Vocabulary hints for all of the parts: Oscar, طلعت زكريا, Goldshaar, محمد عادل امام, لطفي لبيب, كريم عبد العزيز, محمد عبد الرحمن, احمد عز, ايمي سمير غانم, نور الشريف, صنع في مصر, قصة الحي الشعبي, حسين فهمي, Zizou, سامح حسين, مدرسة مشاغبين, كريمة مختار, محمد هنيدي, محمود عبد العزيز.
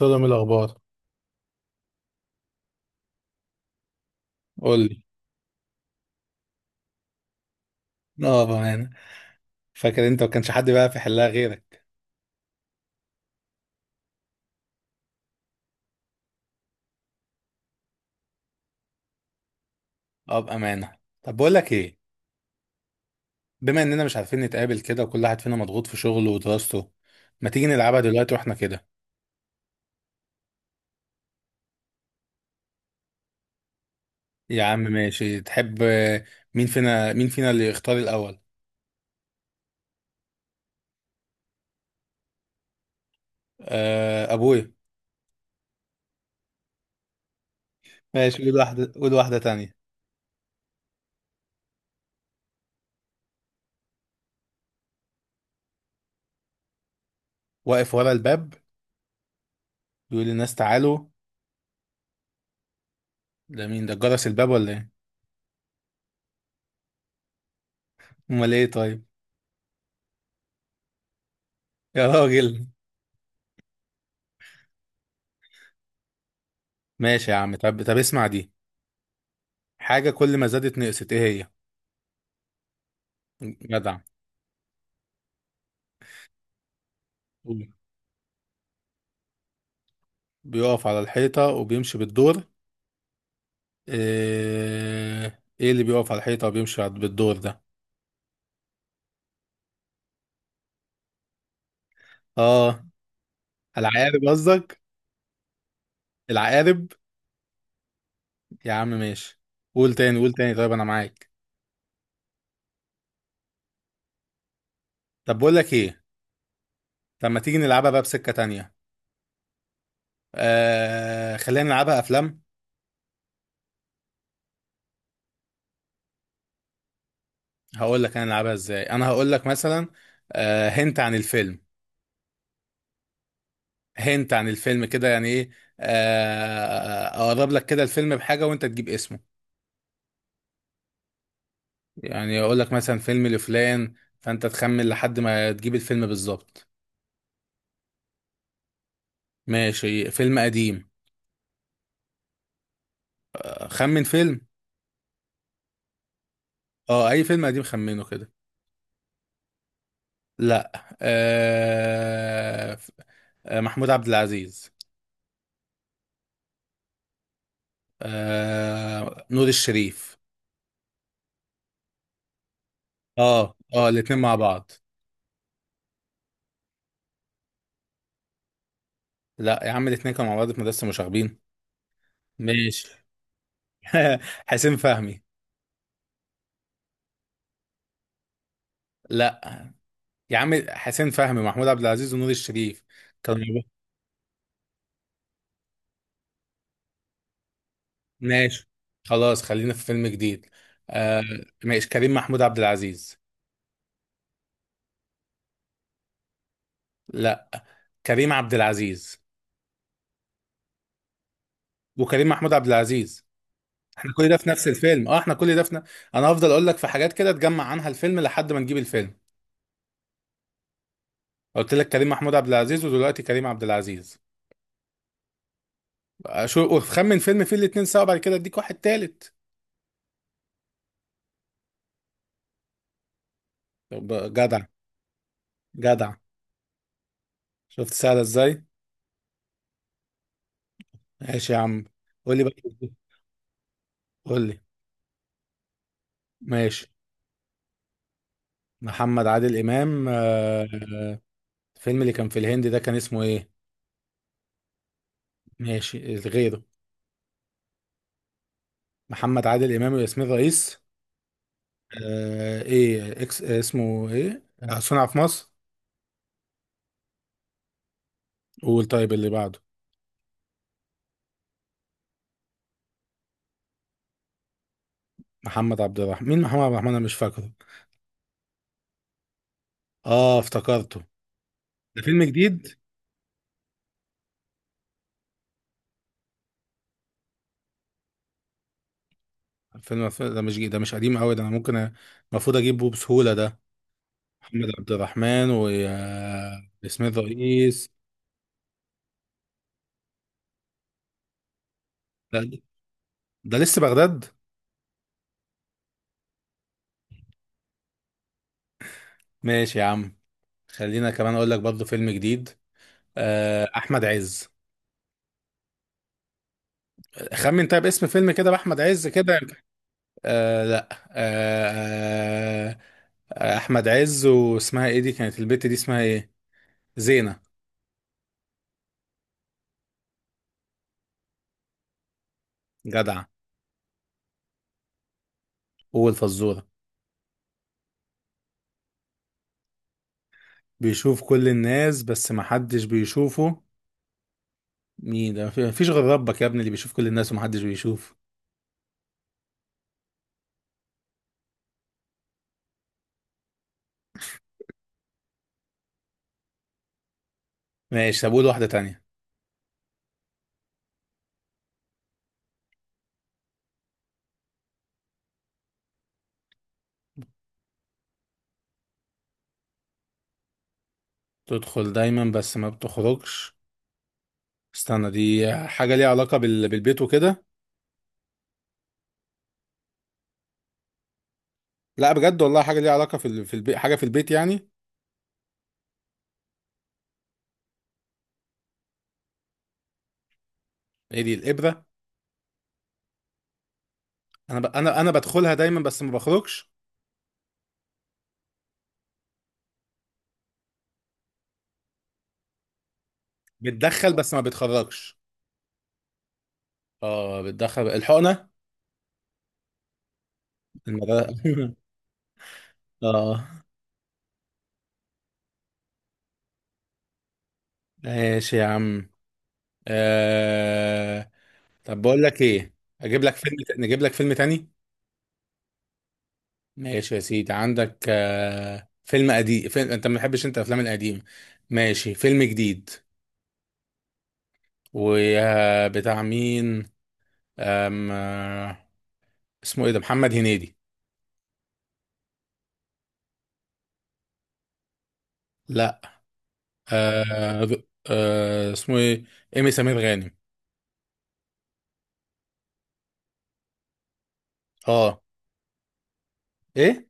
سلام. الأخبار؟ قول لي. اه، بامانه. فاكر انت ما كانش حد بقى في حلها غيرك. اه، بامانه. طب بقول لك ايه. بما اننا مش عارفين نتقابل كده وكل واحد فينا مضغوط في شغله ودراسته، ما تيجي نلعبها دلوقتي واحنا كده؟ يا عم ماشي، تحب؟ مين فينا اللي يختار الاول؟ آه، ابويا. ماشي، قول واحده تانية. واقف ورا الباب، بيقول للناس تعالوا. ده مين؟ ده جرس الباب ولا ايه؟ امال ايه طيب؟ يا راجل. ماشي يا عم. طب اسمع دي. حاجه كل ما زادت نقصت، ايه هي؟ جدع. بيقف على الحيطة وبيمشي بالدور. إيه اللي بيقف على الحيطة وبيمشي بالدور ده؟ اه. العقارب قصدك؟ العقارب. يا عم ماشي. قول تاني، قول تاني طيب، انا معاك. طب بقول لك ايه. طب ما تيجي نلعبها بقى بسكة تانية. خلينا نلعبها افلام. هقول لك انا نلعبها ازاي. انا هقول لك مثلا هنت عن الفيلم. هنت عن الفيلم كده يعني ايه؟ اقرب لك كده الفيلم بحاجة وانت تجيب اسمه. يعني اقول لك مثلا فيلم لفلان، فانت تخمن لحد ما تجيب الفيلم بالظبط. ماشي، فيلم قديم. خمن فيلم. اه، اي فيلم قديم خمنه كده. لا. محمود عبد العزيز. نور الشريف. اه، اه، الاتنين مع بعض. لا يا عم، الاتنين كانوا مع بعض في مدرسة مشاغبين. ماشي. حسين فهمي. لا يا عم، حسين فهمي محمود عبد العزيز ونور الشريف. كانوا. ماشي. خلاص خلينا في فيلم جديد. آه. ماشي، كريم محمود عبد العزيز. لا. كريم عبد العزيز وكريم محمود عبد العزيز. احنا كل ده في نفس الفيلم. اه، احنا كل ده في انا هفضل اقول لك في حاجات كده تجمع عنها الفيلم لحد ما نجيب الفيلم. قلت لك كريم محمود عبد العزيز ودلوقتي كريم عبد العزيز. شو، خمن فيلم فيه الاتنين سوا، بعد كده اديك واحد تالت. طب جدع. جدع. شفت سهلة ازاي؟ ماشي يا عم. قول لي بقى. قول لي. ماشي. محمد عادل امام. الفيلم اللي كان في الهند ده كان اسمه ايه؟ ماشي، غيره. محمد عادل امام وياسمين رئيس. ايه اكس اسمه ايه؟ صنع في مصر. قول طيب اللي بعده. محمد عبد الرحمن؟ مين محمد عبد الرحمن؟ انا مش فاكره. اه، افتكرته. ده فيلم جديد. فيلم ده مش جديد، ده مش قديم قوي ده. انا ممكن المفروض اجيبه بسهولة ده. محمد عبد الرحمن وياسمين رئيس. ده, ده لسه بغداد. ماشي يا عم. خلينا كمان اقول لك برضه فيلم جديد. احمد عز. خمن طيب اسم فيلم كده بأحمد عز كده. لا. أحمد عز، واسمها ايه دي؟ كانت البت دي اسمها ايه؟ زينة. جدعة. والفزورة؟ بيشوف كل الناس بس محدش بيشوفه. مين ده؟ مفيش غير ربك يا ابني اللي بيشوف كل الناس ومحدش بيشوف. ماشي. طب قول واحدة تانية. تدخل دايما بس ما بتخرجش. استنى، دي حاجة ليها علاقة بالبيت وكده؟ لا بجد والله، حاجة ليها علاقة في في البيت، حاجة في البيت يعني. ايه دي، الإبرة؟ انا ب... انا انا بدخلها دايما بس ما بخرجش. بتدخل بس ما بتخرجش. اه، بتدخل الحقنة. المدرسة. اه. ماشي يا عم. آه... طب بقول لك ايه. اجيب لك فيلم ت... نجيب لك فيلم تاني. ماشي يا سيدي، عندك فيلم قديم. انت ما بتحبش انت الافلام القديمه. ماشي، فيلم جديد. وبتاع مين؟ أم... آه، اسمه ايه ده؟ محمد هنيدي. لا. آه... اسمه ايه؟ ايمي سمير غانم. اه. ايه.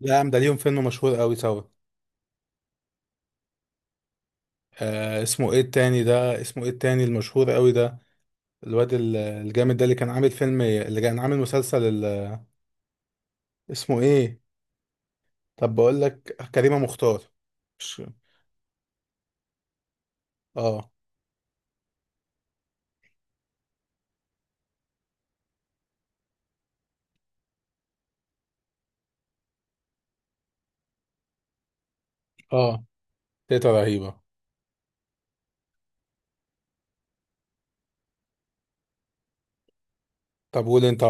لا يا عم، ده ليهم فيلم مشهور قوي سوا. اسمه ايه التاني ده؟ اسمه ايه التاني المشهور قوي ده؟ الواد الجامد ده، اللي كان عامل فيلم، اللي كان عامل مسلسل اسمه ايه؟ طب بقول لك، كريمة مختار. مش. اه. اه، تيتا رهيبة. طب قول انت.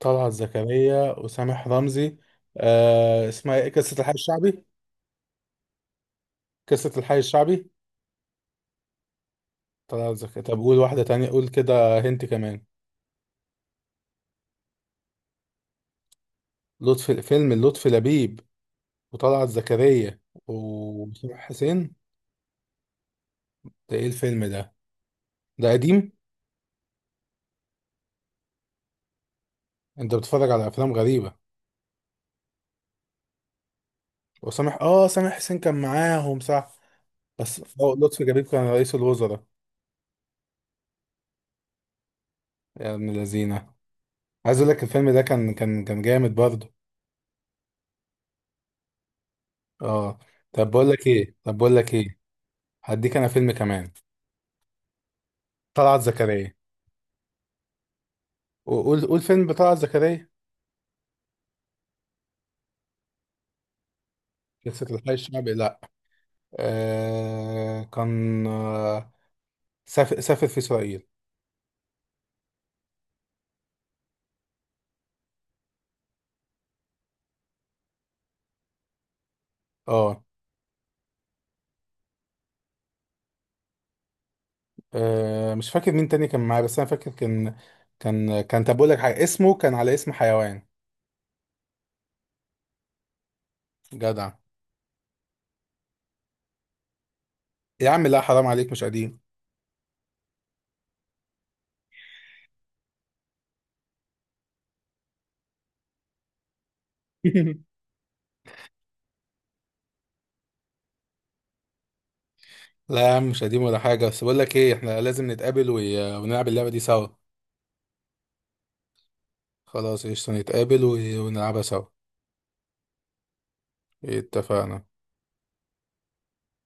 طلعت زكريا وسامح رمزي. اسمها ايه، قصة الحي الشعبي؟ قصة الحي الشعبي. طلعت زكريا. طب قول واحدة تانية، قول كده، هنت كمان. لطفي، فيلم لطفي لبيب وطلعت زكريا وسامح حسين. ده ايه الفيلم ده؟ ده قديم. انت بتتفرج على افلام غريبة. وسامح اه سامح حسين كان معاهم صح. بس لطفي جبيب كان رئيس الوزراء. يا ابن الذين. عايز اقول لك الفيلم ده كان جامد برضه. اه. طب بقول لك ايه، هديك انا فيلم كمان. طلعت زكريا. قول فيلم بطلعت زكريا. قصة الحي الشعبي، لا. كان. سافر في اسرائيل. اه. مش فاكر مين تاني كان معايا، بس انا فاكر كان. طب بقول لك حاجه، اسمه كان على اسم حيوان. جدع. يا عم لا، حرام عليك، مش قديم. لا يا عم، مش قديم ولا حاجه. بس بقول لك ايه، احنا لازم نتقابل ونلعب اللعبه دي سوا. خلاص قشطه، نتقابل ونلعبها سوا. اتفقنا.